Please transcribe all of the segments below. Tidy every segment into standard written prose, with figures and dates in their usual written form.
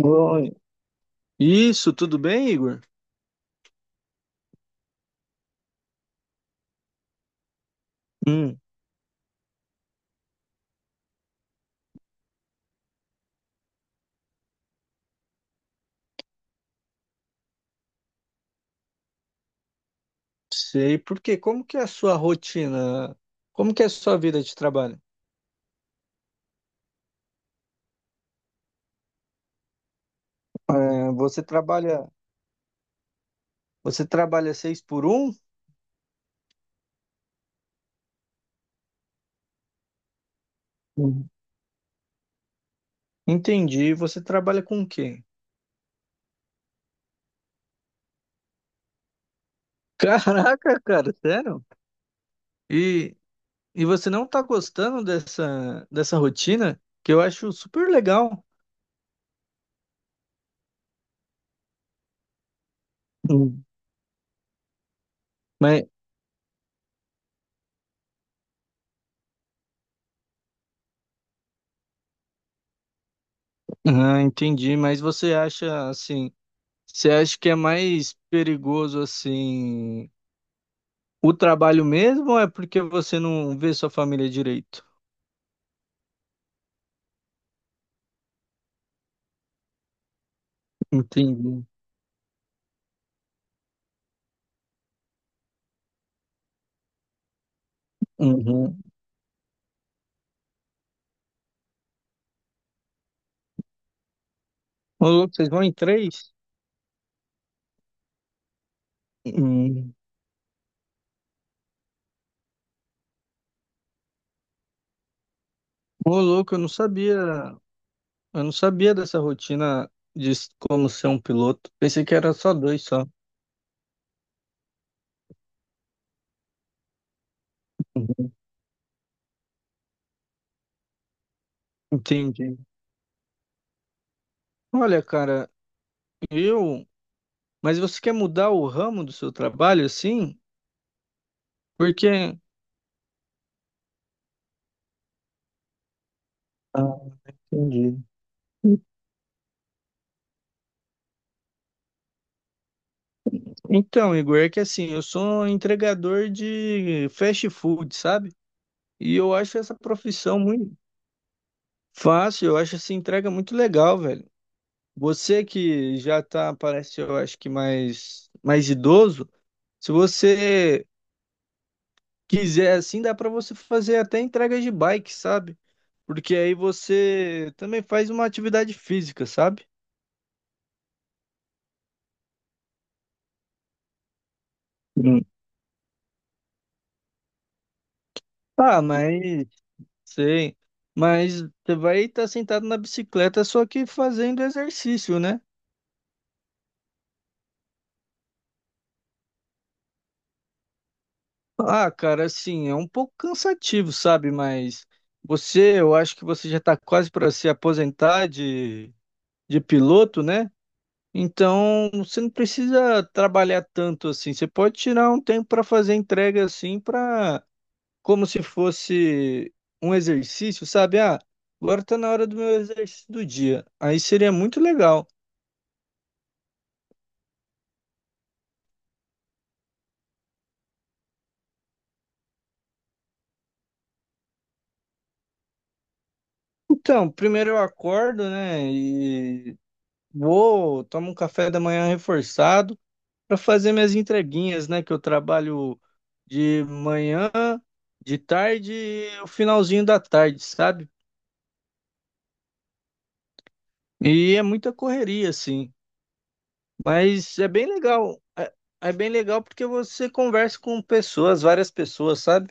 Oi. Isso, tudo bem, Igor? Hum. Sei por quê. Como que é a sua rotina? Como que é a sua vida de trabalho? É, você trabalha seis por um? Uhum. Entendi. Você trabalha com o quê? Caraca, cara, sério? E, e você não tá gostando dessa rotina? Que eu acho super legal. Hum. Mas, ah, entendi. Mas você acha assim? Você acha que é mais perigoso assim? O trabalho mesmo ou é porque você não vê sua família direito? Entendi. Uhum. Ô, louco, vocês vão em três? Hum. Ô, louco, eu não sabia. Eu não sabia dessa rotina de como ser um piloto. Pensei que era só dois só. Uhum. Entendi. Olha, cara, eu. Mas você quer mudar o ramo do seu trabalho assim? Porque. Ah, entendi. Então, Igor, é que assim, eu sou entregador de fast food, sabe? E eu acho essa profissão muito. Fácil, eu acho essa entrega muito legal, velho. Você que já tá, parece, eu acho que mais idoso, se você quiser assim, dá para você fazer até entregas de bike, sabe? Porque aí você também faz uma atividade física, sabe? Sim. Tá, mas sei. Mas você vai estar sentado na bicicleta só que fazendo exercício, né? Ah, cara, assim, é um pouco cansativo, sabe? Mas você, eu acho que você já está quase para se aposentar de piloto, né? Então, você não precisa trabalhar tanto assim. Você pode tirar um tempo para fazer entrega assim, para como se fosse um exercício, sabe? Ah, agora tá na hora do meu exercício do dia. Aí seria muito legal. Então, primeiro eu acordo, né? E tomo um café da manhã reforçado. Para fazer minhas entreguinhas, né? Que eu trabalho de manhã, de tarde e o finalzinho da tarde, sabe? E é muita correria, assim. Mas é bem legal. É bem legal porque você conversa com pessoas, várias pessoas, sabe?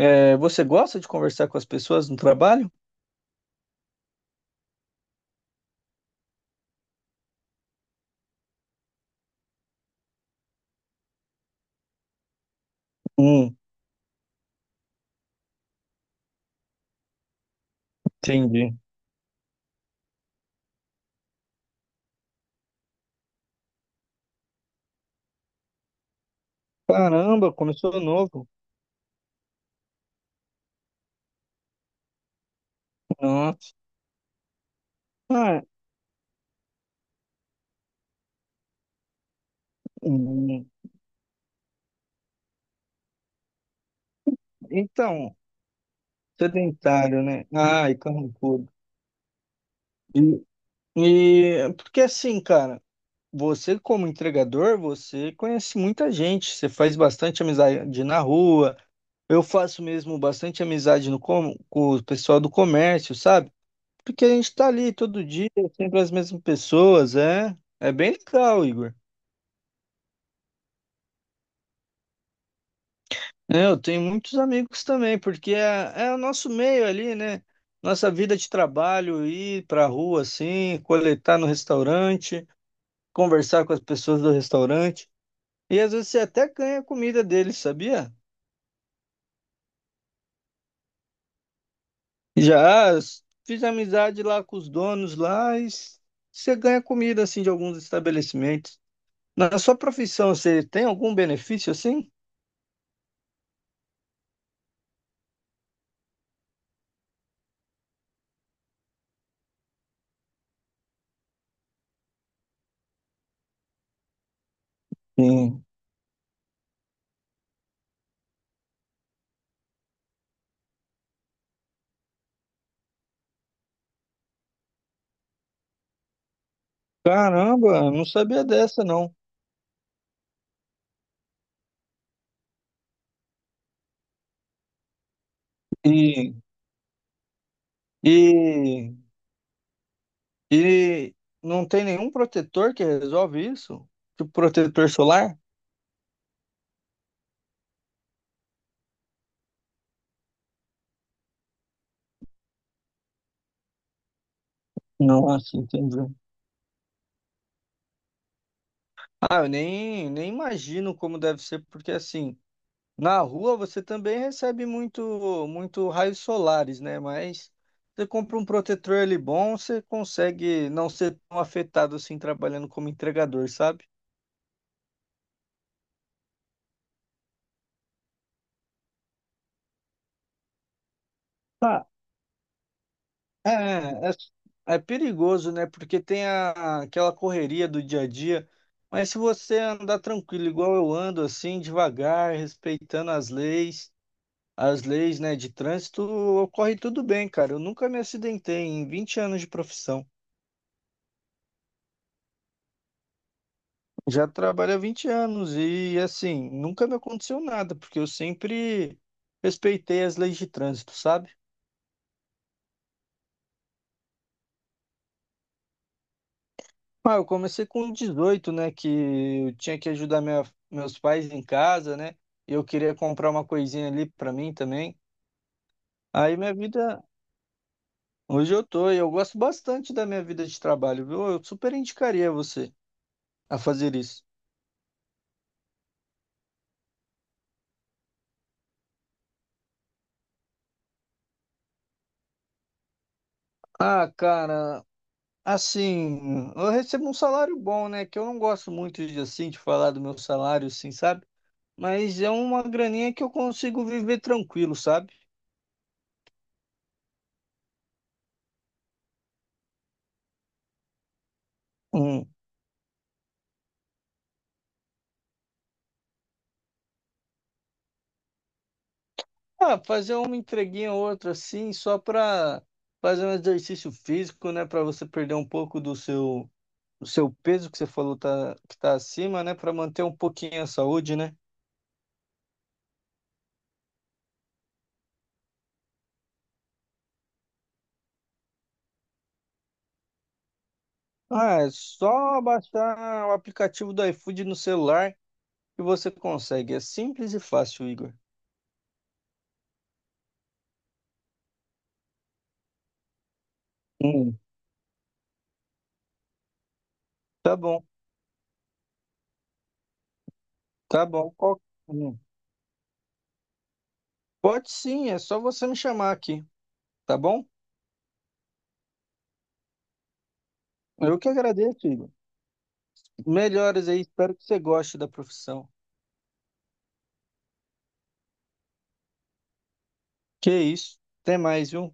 É, você gosta de conversar com as pessoas no trabalho? Hum, Entendi. Caramba, começou novo. Nossa. Ah, hum, então, sedentário, né? Ai, carrancudo. E, e porque assim, cara. Você, como entregador, você conhece muita gente, você faz bastante amizade na rua. Eu faço mesmo bastante amizade no com o pessoal do comércio, sabe? Porque a gente tá ali todo dia, sempre as mesmas pessoas, é. É bem legal, Igor. É, eu tenho muitos amigos também, porque é o nosso meio ali, né? Nossa vida de trabalho, ir pra rua assim, coletar no restaurante, conversar com as pessoas do restaurante. E às vezes você até ganha a comida deles, sabia? Já fiz amizade lá com os donos lá e você ganha comida assim de alguns estabelecimentos. Na sua profissão, você tem algum benefício assim? Sim. Caramba, não sabia dessa não. E, e, e não tem nenhum protetor que resolve isso? Tipo protetor solar? Nossa, entendi. Ah, eu nem imagino como deve ser, porque assim, na rua você também recebe muito, muito raios solares, né? Mas você compra um protetor ali bom, você consegue não ser tão afetado assim trabalhando como entregador, sabe? Tá. É, é, é perigoso, né? Porque tem aquela correria do dia a dia. Mas se você andar tranquilo, igual eu ando, assim, devagar, respeitando as leis, né, de trânsito, ocorre tudo bem, cara. Eu nunca me acidentei em 20 anos de profissão. Já trabalho há 20 anos e, assim, nunca me aconteceu nada, porque eu sempre respeitei as leis de trânsito, sabe? Ah, eu comecei com 18, né, que eu tinha que ajudar meus pais em casa, né? E eu queria comprar uma coisinha ali pra mim também. Aí minha vida, hoje eu tô, e eu gosto bastante da minha vida de trabalho, viu? Eu super indicaria você a fazer isso. Ah, cara, assim, eu recebo um salário bom, né? Que eu não gosto muito de assim de falar do meu salário, assim, sabe? Mas é uma graninha que eu consigo viver tranquilo, sabe? Hum. Ah, fazer uma entreguinha ou outra assim, só para fazer um exercício físico, né? Para você perder um pouco do seu peso que você falou tá, que tá acima, né? Para manter um pouquinho a saúde, né? Ah, é só baixar o aplicativo do iFood no celular e você consegue. É simples e fácil, Igor. Hum. Tá bom, tá bom. Hum. Pode sim, é só você me chamar aqui, tá bom? Eu que agradeço, Igor. Melhores aí, espero que você goste da profissão. Que isso. Até mais, viu?